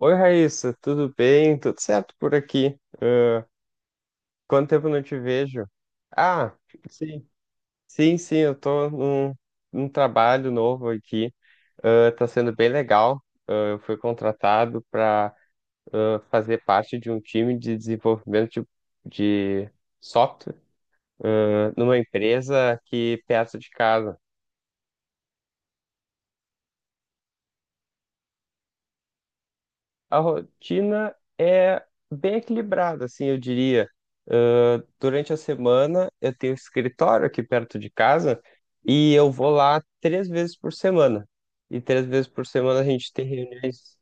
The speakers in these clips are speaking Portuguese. Oi, Raíssa, tudo bem? Tudo certo por aqui? Ah, quanto tempo não te vejo? Ah, sim, sim, sim, eu tô num trabalho novo aqui. Ah, tá sendo bem legal. Ah, eu fui contratado para fazer parte de um time de desenvolvimento de software, ah, numa empresa aqui perto de casa. A rotina é bem equilibrada, assim, eu diria. Ah, durante a semana, eu tenho um escritório aqui perto de casa e eu vou lá 3 vezes por semana. E três vezes por semana a gente tem reuniões.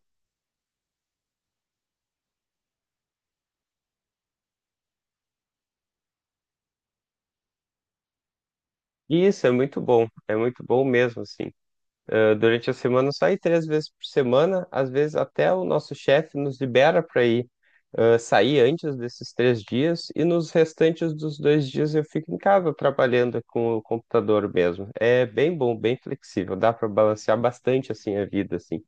Isso é muito bom mesmo, assim. Durante a semana, só ir 3 vezes por semana. Às vezes, até o nosso chefe nos libera para ir sair antes desses 3 dias, e nos restantes dos 2 dias eu fico em casa trabalhando com o computador mesmo. É bem bom, bem flexível, dá para balancear bastante assim a vida, assim.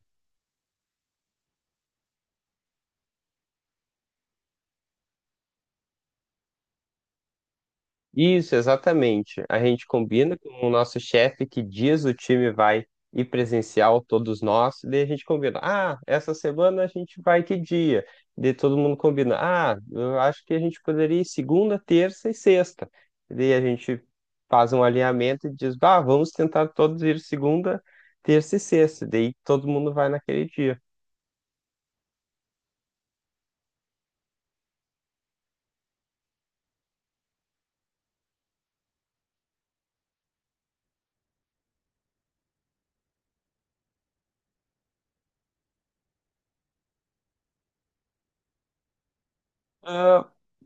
Isso, exatamente. A gente combina com o nosso chefe que dias o time vai ir presencial, todos nós, e daí a gente combina. Ah, essa semana a gente vai que dia? Daí todo mundo combina. Ah, eu acho que a gente poderia ir segunda, terça e sexta. E daí a gente faz um alinhamento e diz, bah, vamos tentar todos ir segunda, terça e sexta. E daí todo mundo vai naquele dia.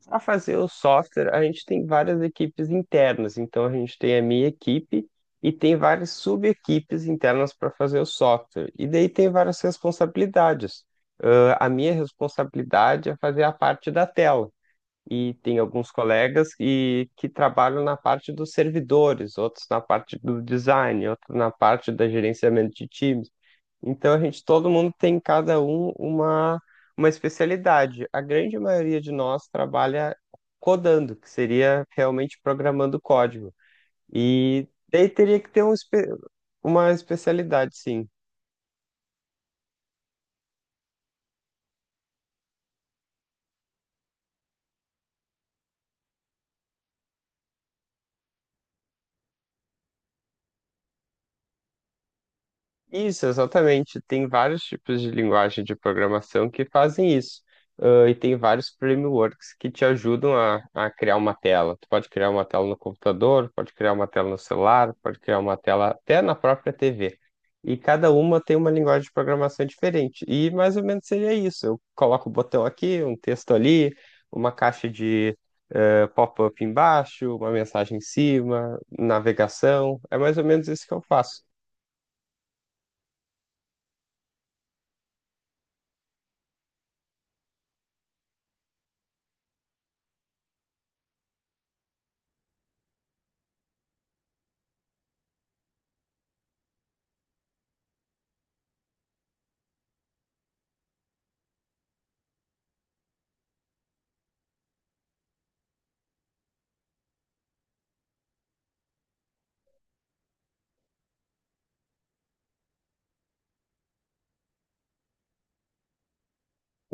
Para fazer o software, a gente tem várias equipes internas. Então, a gente tem a minha equipe e tem várias sub-equipes internas para fazer o software. E daí tem várias responsabilidades. Ah, a minha responsabilidade é fazer a parte da tela. E tem alguns colegas que trabalham na parte dos servidores, outros na parte do design, outros na parte da gerenciamento de times. Então a gente, todo mundo tem cada um uma especialidade. A grande maioria de nós trabalha codando, que seria realmente programando código. E daí teria que ter um uma especialidade, sim. Isso, exatamente. Tem vários tipos de linguagem de programação que fazem isso. Ah, e tem vários frameworks que te ajudam a criar uma tela. Tu pode criar uma tela no computador, pode criar uma tela no celular, pode criar uma tela até na própria TV. E cada uma tem uma linguagem de programação diferente. E mais ou menos seria isso. Eu coloco um botão aqui, um texto ali, uma caixa de pop-up embaixo, uma mensagem em cima, navegação. É mais ou menos isso que eu faço.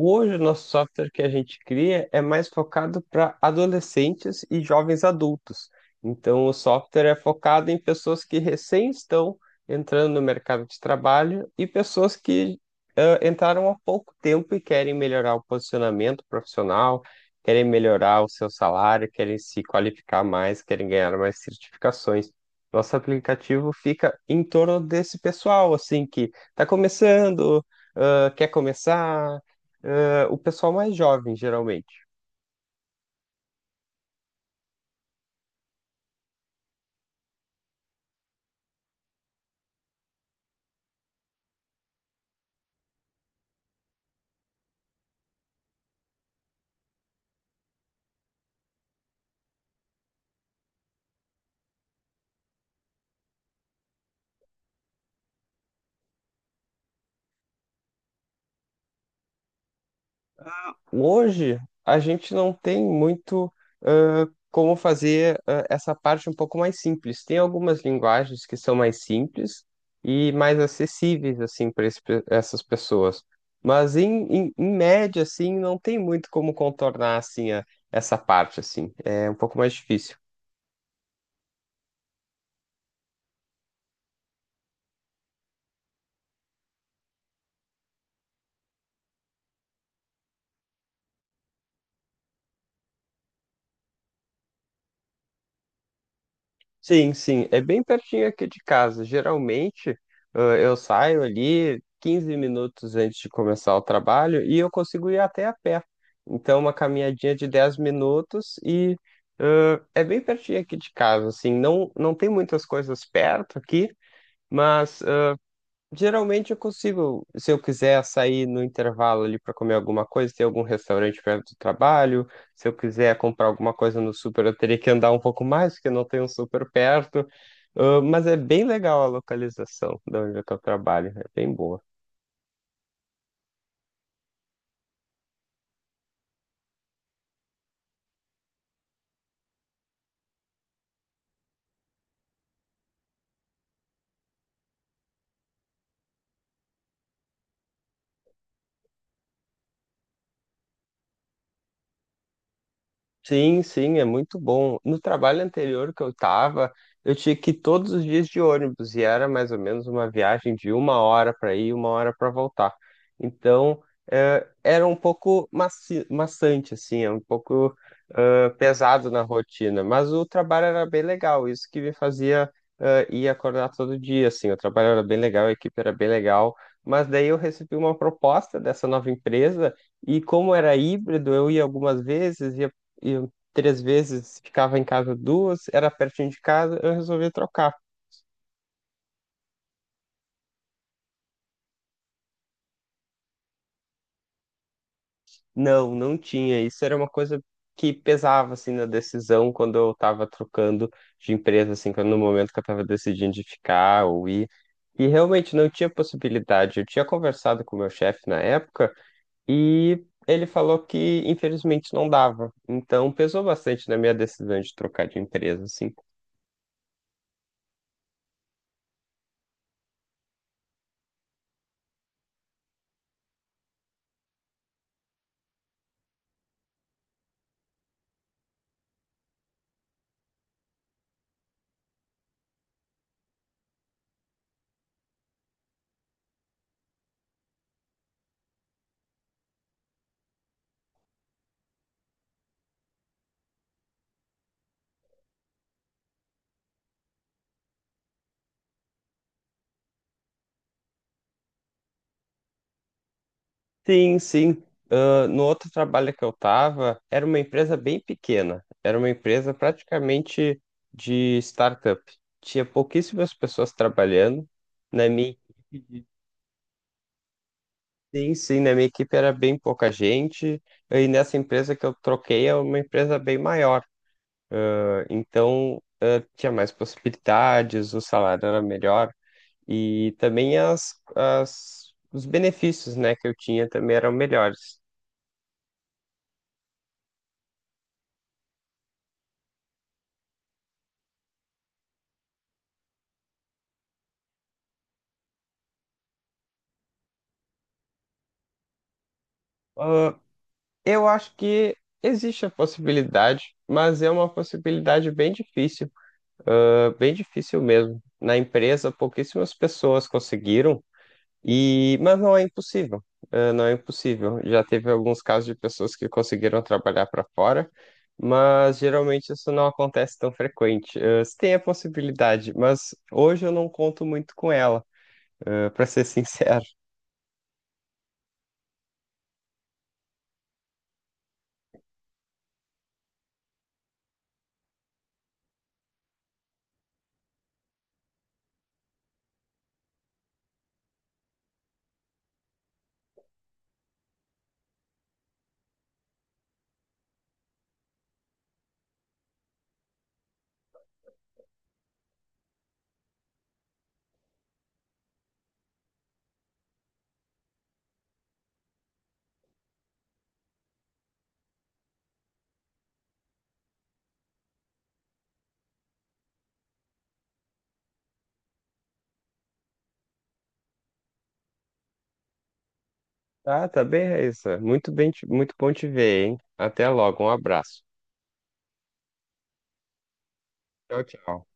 Hoje, o nosso software que a gente cria é mais focado para adolescentes e jovens adultos. Então, o software é focado em pessoas que recém estão entrando no mercado de trabalho e pessoas que ah, entraram há pouco tempo e querem melhorar o posicionamento profissional, querem melhorar o seu salário, querem se qualificar mais, querem ganhar mais certificações. Nosso aplicativo fica em torno desse pessoal, assim, que está começando, ah, quer começar o pessoal mais jovem, geralmente. Hoje, a gente não tem muito como fazer essa parte um pouco mais simples. Tem algumas linguagens que são mais simples e mais acessíveis, assim, para essas pessoas. Mas, em média, assim, não tem muito como contornar, assim, a- essa parte, assim. É um pouco mais difícil. Sim, sim, é bem pertinho aqui de casa. Geralmente, eu saio ali 15 minutos antes de começar o trabalho e eu consigo ir até a pé. Então, uma caminhadinha de 10 minutos e é bem pertinho aqui de casa, assim, não, não tem muitas coisas perto aqui, mas geralmente eu consigo, se eu quiser sair no intervalo ali para comer alguma coisa, tem algum restaurante perto do trabalho. Se eu quiser comprar alguma coisa no super, eu teria que andar um pouco mais, porque não tem um super perto. Ah, mas é bem legal a localização de onde é que eu trabalho, é bem boa. Sim, sim, é muito bom. No trabalho anterior que eu tava, eu tinha que ir todos os dias de ônibus e era mais ou menos uma viagem de uma hora para ir e uma hora para voltar. Então, era um pouco maci maçante, assim, é um pouco pesado na rotina, mas o trabalho era bem legal, isso que me fazia ir acordar todo dia, assim, o trabalho era bem legal, a equipe era bem legal, mas daí eu recebi uma proposta dessa nova empresa. E como era híbrido, eu ia algumas vezes, ia eu 3 vezes ficava em casa duas, era pertinho de casa, eu resolvia trocar. Não, não tinha. Isso era uma coisa que pesava assim na decisão quando eu estava trocando de empresa, assim, quando no momento que eu estava decidindo de ficar ou ir. E realmente não tinha possibilidade. Eu tinha conversado com o meu chefe na época e ele falou que infelizmente não dava. Então pesou bastante na minha decisão de trocar de empresa, assim. Sim, sim. Ah, no outro trabalho que eu estava, era uma empresa bem pequena, era uma empresa praticamente de startup. Tinha pouquíssimas pessoas trabalhando. Na minha equipe, sim, sim, na minha equipe era bem pouca gente. E nessa empresa que eu troquei é uma empresa bem maior. Então, tinha mais possibilidades, o salário era melhor e também os benefícios, né, que eu tinha também eram melhores. Ah, eu acho que existe a possibilidade, mas é uma possibilidade bem difícil, ah, bem difícil mesmo. Na empresa, pouquíssimas pessoas conseguiram, e mas não é impossível, ah, não é impossível. Já teve alguns casos de pessoas que conseguiram trabalhar para fora, mas geralmente isso não acontece tão frequente. Ah, se tem a possibilidade, mas hoje eu não conto muito com ela, para ser sincero. Ah, tá bem, Raíssa. Muito bem, muito bom te ver, hein? Até logo, um abraço. Tchau, tchau.